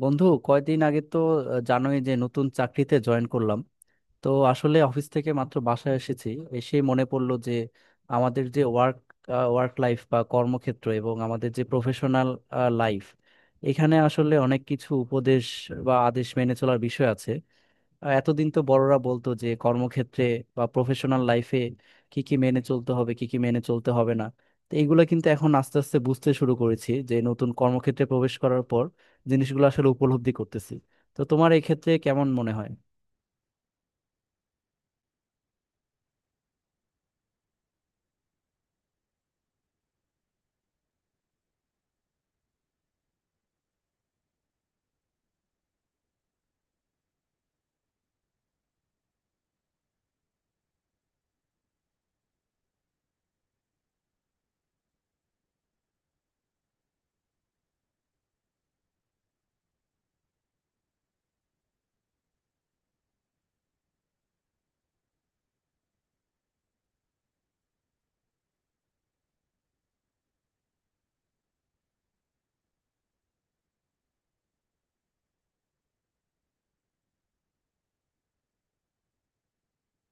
বন্ধু, কয়দিন আগে তো জানোই যে নতুন চাকরিতে জয়েন করলাম। তো আসলে অফিস থেকে মাত্র বাসায় এসেছি। এসে মনে পড়লো যে আমাদের যে ওয়ার্ক ওয়ার্ক লাইফ বা কর্মক্ষেত্র এবং আমাদের যে প্রফেশনাল লাইফ, এখানে আসলে অনেক কিছু উপদেশ বা আদেশ মেনে চলার বিষয় আছে। এতদিন তো বড়রা বলতো যে কর্মক্ষেত্রে বা প্রফেশনাল লাইফে কি কি মেনে চলতে হবে, কি কি মেনে চলতে হবে না। তো এইগুলা কিন্তু এখন আস্তে আস্তে বুঝতে শুরু করেছি যে নতুন কর্মক্ষেত্রে প্রবেশ করার পর জিনিসগুলো আসলে উপলব্ধি করতেছি। তো তোমার এই ক্ষেত্রে কেমন মনে হয়?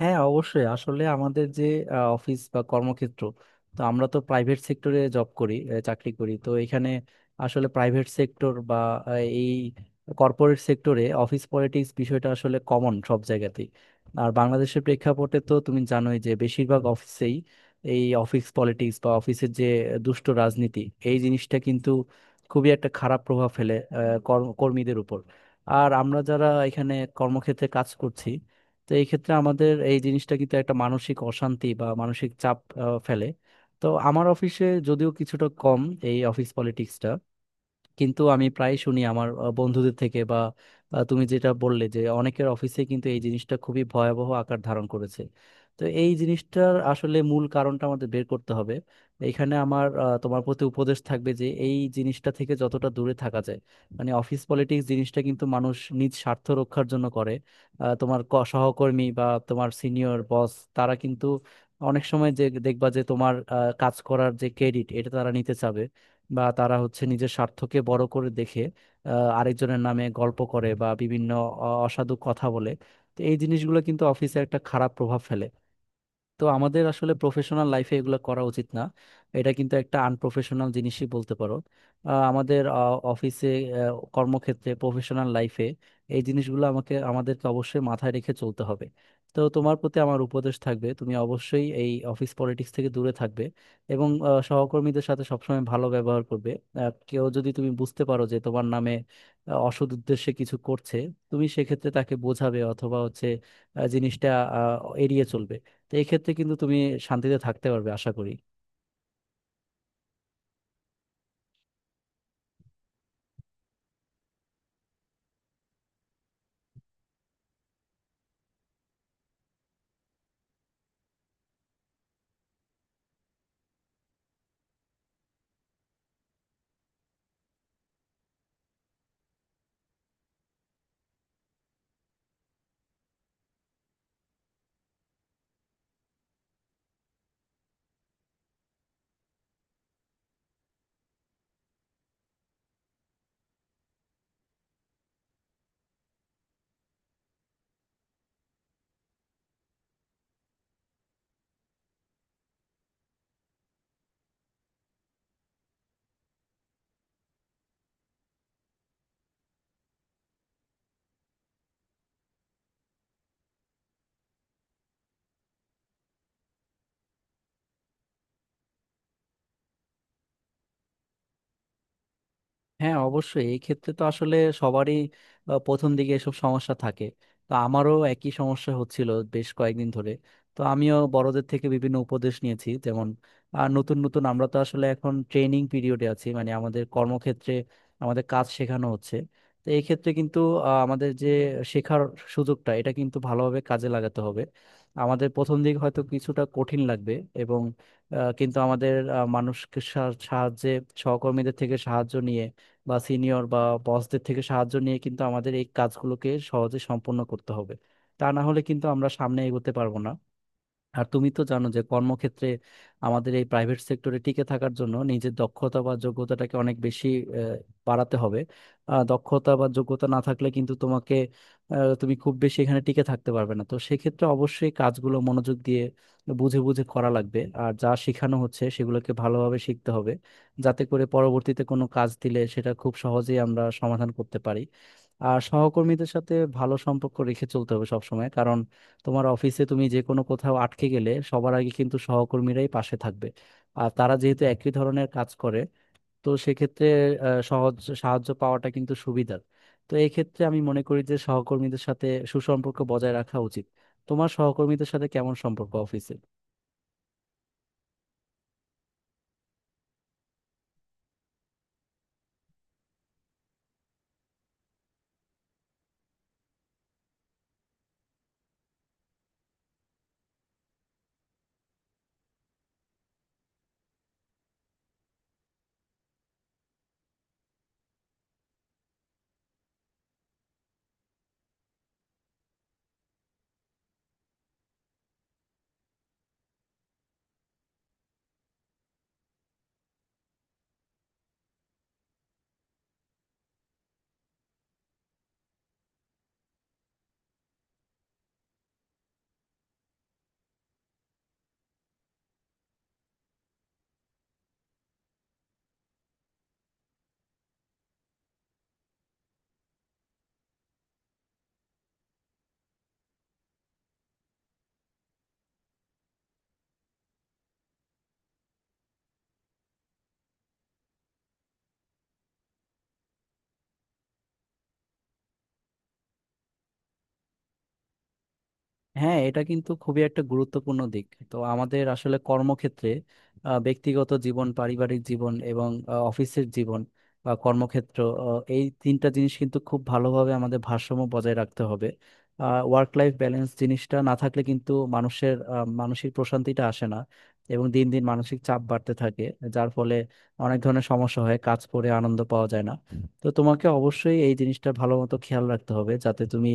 হ্যাঁ, অবশ্যই আসলে আমাদের যে অফিস বা কর্মক্ষেত্র, তো আমরা তো প্রাইভেট সেক্টরে জব করি, চাকরি করি, তো এখানে আসলে প্রাইভেট সেক্টর বা আহ, এই কর্পোরেট সেক্টরে অফিস পলিটিক্স বিষয়টা আসলে কমন সব জায়গাতেই। আর বাংলাদেশের প্রেক্ষাপটে তো তুমি জানোই যে বেশিরভাগ অফিসেই এই অফিস পলিটিক্স বা অফিসের যে দুষ্ট রাজনীতি, এই জিনিসটা কিন্তু খুবই একটা খারাপ প্রভাব ফেলে কর্মীদের উপর। আর আমরা যারা এখানে কর্মক্ষেত্রে কাজ করছি, তো এই ক্ষেত্রে আমাদের এই জিনিসটা কিন্তু একটা মানসিক অশান্তি বা মানসিক চাপ ফেলে। তো আমার অফিসে যদিও কিছুটা কম এই অফিস পলিটিক্সটা, কিন্তু আমি প্রায় শুনি আমার বন্ধুদের থেকে বা তুমি যেটা বললে যে অনেকের অফিসে কিন্তু এই জিনিসটা খুবই ভয়াবহ আকার ধারণ করেছে। তো এই জিনিসটার আসলে মূল কারণটা আমাদের বের করতে হবে। এখানে আমার তোমার প্রতি উপদেশ থাকবে যে এই জিনিসটা থেকে যতটা দূরে থাকা যায়। মানে অফিস পলিটিক্স জিনিসটা কিন্তু মানুষ নিজ স্বার্থ রক্ষার জন্য করে। তোমার সহকর্মী বা তোমার সিনিয়র বস, তারা কিন্তু অনেক সময় যে দেখবা যে তোমার কাজ করার যে ক্রেডিট এটা তারা নিতে চাবে, বা তারা হচ্ছে নিজের স্বার্থকে বড় করে দেখে, আরেকজনের নামে গল্প করে বা বিভিন্ন অসাধু কথা বলে। তো এই জিনিসগুলো কিন্তু অফিসে একটা খারাপ প্রভাব ফেলে। তো আমাদের আসলে প্রফেশনাল লাইফে এগুলো করা উচিত না। এটা কিন্তু একটা আনপ্রফেশনাল জিনিসই বলতে পারো। আমাদের অফিসে, কর্মক্ষেত্রে, প্রফেশনাল লাইফে এই জিনিসগুলো আমাকে আমাদেরকে অবশ্যই মাথায় রেখে চলতে হবে। তো তোমার প্রতি আমার উপদেশ থাকবে, তুমি অবশ্যই এই অফিস পলিটিক্স থেকে দূরে থাকবে এবং সহকর্মীদের সাথে সবসময় ভালো ব্যবহার করবে। কেউ যদি তুমি বুঝতে পারো যে তোমার নামে অসৎ উদ্দেশ্যে কিছু করছে, তুমি সেক্ষেত্রে তাকে বোঝাবে অথবা হচ্ছে জিনিসটা এড়িয়ে চলবে। তো এই ক্ষেত্রে কিন্তু তুমি শান্তিতে থাকতে পারবে আশা করি। হ্যাঁ, অবশ্যই এই ক্ষেত্রে তো আসলে সবারই প্রথম দিকে এসব সমস্যা থাকে। তো আমারও একই সমস্যা হচ্ছিল বেশ কয়েকদিন ধরে। তো আমিও বড়দের থেকে বিভিন্ন উপদেশ নিয়েছি। যেমন নতুন নতুন আমরা তো আসলে এখন ট্রেনিং পিরিয়ডে আছি, মানে আমাদের কর্মক্ষেত্রে আমাদের কাজ শেখানো হচ্ছে। তো এই ক্ষেত্রে কিন্তু আমাদের যে শেখার সুযোগটা, এটা কিন্তু ভালোভাবে কাজে লাগাতে হবে। আমাদের প্রথম দিক হয়তো কিছুটা কঠিন লাগবে, এবং কিন্তু আমাদের সাহায্যে, সহকর্মীদের থেকে সাহায্য নিয়ে বা সিনিয়র বা বসদের থেকে সাহায্য নিয়ে কিন্তু আমাদের এই কাজগুলোকে সহজে সম্পন্ন করতে হবে। তা না হলে কিন্তু আমরা সামনে এগোতে পারবো না। আর তুমি তো জানো যে কর্মক্ষেত্রে, আমাদের এই প্রাইভেট সেক্টরে টিকে থাকার জন্য নিজের দক্ষতা বা যোগ্যতাটাকে অনেক বেশি আহ, বাড়াতে হবে। দক্ষতা বা যোগ্যতা না থাকলে কিন্তু তোমাকে তুমি খুব বেশি এখানে টিকে থাকতে পারবে না। তো সেক্ষেত্রে অবশ্যই কাজগুলো মনোযোগ দিয়ে বুঝে বুঝে করা লাগবে, আর যা শেখানো হচ্ছে সেগুলোকে ভালোভাবে শিখতে হবে যাতে করে পরবর্তীতে কোনো কাজ দিলে সেটা খুব সহজেই আমরা সমাধান করতে পারি। আর সহকর্মীদের সাথে ভালো সম্পর্ক রেখে চলতে হবে সবসময়। তোমার অফিসে তুমি যে কোনো কোথাও আটকে গেলে সবার আগে কিন্তু সহকর্মীরাই পাশে থাকবে। আর তারা যেহেতু একই ধরনের কাজ করে, তো সেক্ষেত্রে সহজ সাহায্য পাওয়াটা কিন্তু সুবিধার। তো এই ক্ষেত্রে আমি মনে করি যে সহকর্মীদের সাথে সুসম্পর্ক বজায় রাখা উচিত। তোমার সহকর্মীদের সাথে কেমন সম্পর্ক অফিসে? হ্যাঁ, এটা কিন্তু খুবই একটা গুরুত্বপূর্ণ দিক। তো আমাদের আসলে কর্মক্ষেত্রে, ব্যক্তিগত জীবন, পারিবারিক জীবন এবং অফিসের জীবন বা কর্মক্ষেত্র, এই তিনটা জিনিস কিন্তু খুব ভালোভাবে আমাদের ভারসাম্য বজায় রাখতে হবে। ওয়ার্ক লাইফ ব্যালেন্স জিনিসটা না থাকলে কিন্তু মানুষের মানসিক প্রশান্তিটা আসে না এবং দিন দিন মানসিক চাপ বাড়তে থাকে, যার ফলে অনেক ধরনের সমস্যা হয়, কাজ করে আনন্দ পাওয়া যায় না। তো তোমাকে অবশ্যই এই জিনিসটা ভালো মতো খেয়াল রাখতে হবে যাতে তুমি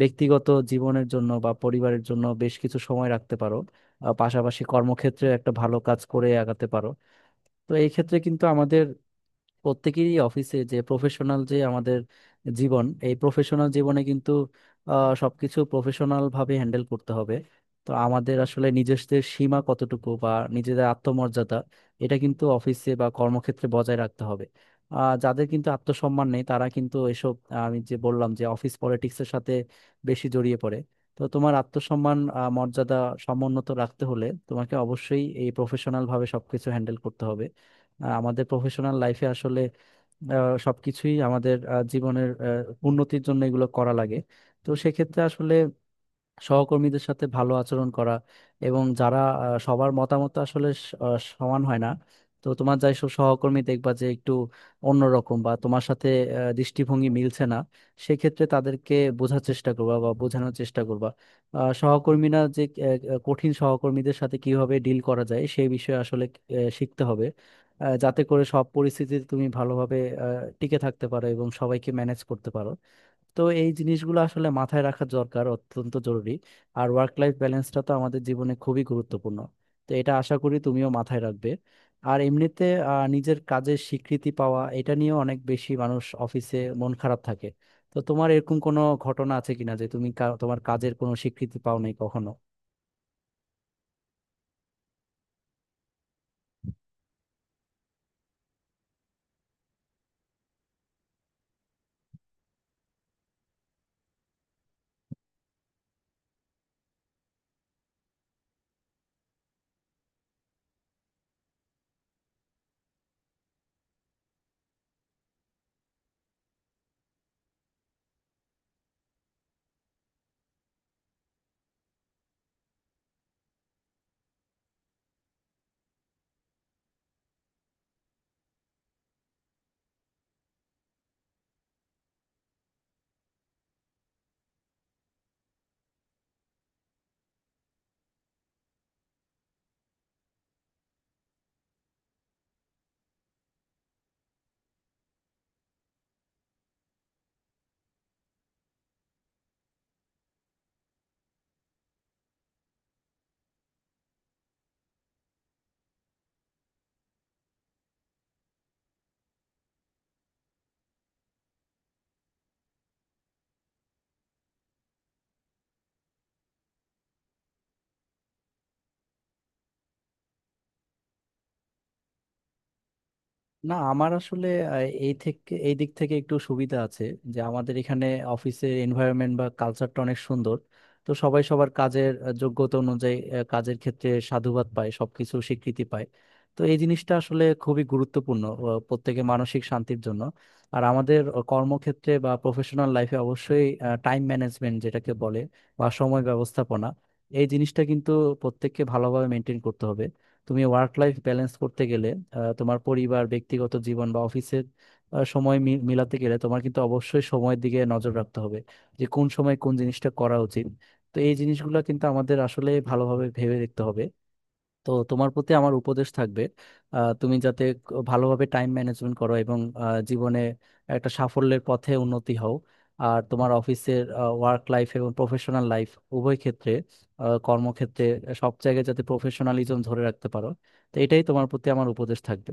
ব্যক্তিগত জীবনের জন্য বা পরিবারের জন্য বেশ কিছু সময় রাখতে পারো, পাশাপাশি কর্মক্ষেত্রে একটা ভালো কাজ করে আগাতে পারো। তো এই ক্ষেত্রে কিন্তু আমাদের প্রত্যেকেরই অফিসে যে প্রফেশনাল যে আমাদের জীবন, এই প্রফেশনাল জীবনে কিন্তু সবকিছু প্রফেশনাল ভাবে হ্যান্ডেল করতে হবে। তো আমাদের আসলে নিজেদের সীমা কতটুকু বা নিজেদের আত্মমর্যাদা, এটা কিন্তু অফিসে বা কর্মক্ষেত্রে বজায় রাখতে হবে। যাদের কিন্তু আত্মসম্মান নেই, তারা কিন্তু এসব আমি যে বললাম যে অফিস পলিটিক্সের সাথে বেশি জড়িয়ে পড়ে। তো তোমার আত্মসম্মান, মর্যাদা সমুন্নত রাখতে হলে তোমাকে অবশ্যই এই প্রফেশনাল ভাবে সবকিছু হ্যান্ডেল করতে হবে। আর আমাদের প্রফেশনাল লাইফে আসলে সবকিছুই আমাদের জীবনের উন্নতির জন্য এগুলো করা লাগে। তো সেক্ষেত্রে আসলে সহকর্মীদের সাথে ভালো আচরণ করা, এবং যারা সবার মতামত তো আসলে সমান হয় না। তো তোমার যাই সব সহকর্মী দেখবা যে একটু অন্যরকম বা তোমার সাথে দৃষ্টিভঙ্গি মিলছে না, সেক্ষেত্রে তাদেরকে বোঝার চেষ্টা করবা বা বোঝানোর চেষ্টা করবা। আহ, সহকর্মীরা যে আহ, আহ, কঠিন সহকর্মীদের সাথে কিভাবে ডিল করা যায় সেই বিষয়ে আসলে শিখতে হবে, যাতে করে সব পরিস্থিতিতে তুমি ভালোভাবে আহ, টিকে থাকতে পারো এবং সবাইকে ম্যানেজ করতে পারো। তো এই জিনিসগুলো আসলে মাথায় রাখা দরকার, অত্যন্ত জরুরি। আর ওয়ার্ক লাইফ ব্যালেন্সটা তো আমাদের জীবনে খুবই গুরুত্বপূর্ণ, তো এটা আশা করি তুমিও মাথায় রাখবে। আর এমনিতে নিজের কাজের স্বীকৃতি পাওয়া, এটা নিয়ে অনেক বেশি মানুষ অফিসে মন খারাপ থাকে। তো তোমার এরকম কোনো ঘটনা আছে কিনা যে তুমি তোমার কাজের কোনো স্বীকৃতি পাও নাই কখনো? না, আমার আসলে আহ, এই থেকে এই দিক থেকে একটু সুবিধা আছে যে আমাদের এখানে অফিসের এনভায়রনমেন্ট বা কালচারটা অনেক সুন্দর। তো সবাই সবার কাজের যোগ্যতা অনুযায়ী কাজের ক্ষেত্রে সাধুবাদ পায়, সবকিছু স্বীকৃতি পায়। তো এই জিনিসটা আসলে খুবই গুরুত্বপূর্ণ প্রত্যেকের মানসিক শান্তির জন্য। আর আমাদের কর্মক্ষেত্রে বা প্রফেশনাল লাইফে অবশ্যই টাইম ম্যানেজমেন্ট যেটাকে বলে বা সময় ব্যবস্থাপনা, এই জিনিসটা কিন্তু প্রত্যেককে ভালোভাবে মেনটেন করতে হবে। তুমি ওয়ার্ক লাইফ ব্যালেন্স করতে গেলে তোমার পরিবার, ব্যক্তিগত জীবন বা অফিসের মিলাতে গেলে তোমার কিন্তু অবশ্যই সময়ের দিকে নজর রাখতে হবে যে কোন সময় কোন জিনিসটা করা উচিত। তো এই জিনিসগুলো কিন্তু আমাদের আসলে ভালোভাবে ভেবে দেখতে হবে। তো তোমার প্রতি আমার উপদেশ থাকবে, তুমি যাতে ভালোভাবে টাইম ম্যানেজমেন্ট করো এবং জীবনে একটা সাফল্যের পথে উন্নতি হও। আর তোমার অফিসের ওয়ার্ক লাইফ এবং প্রফেশনাল লাইফ উভয় ক্ষেত্রে, কর্মক্ষেত্রে সব জায়গায় যাতে প্রফেশনালিজম ধরে রাখতে পারো। তো এটাই তোমার প্রতি আমার উপদেশ থাকবে।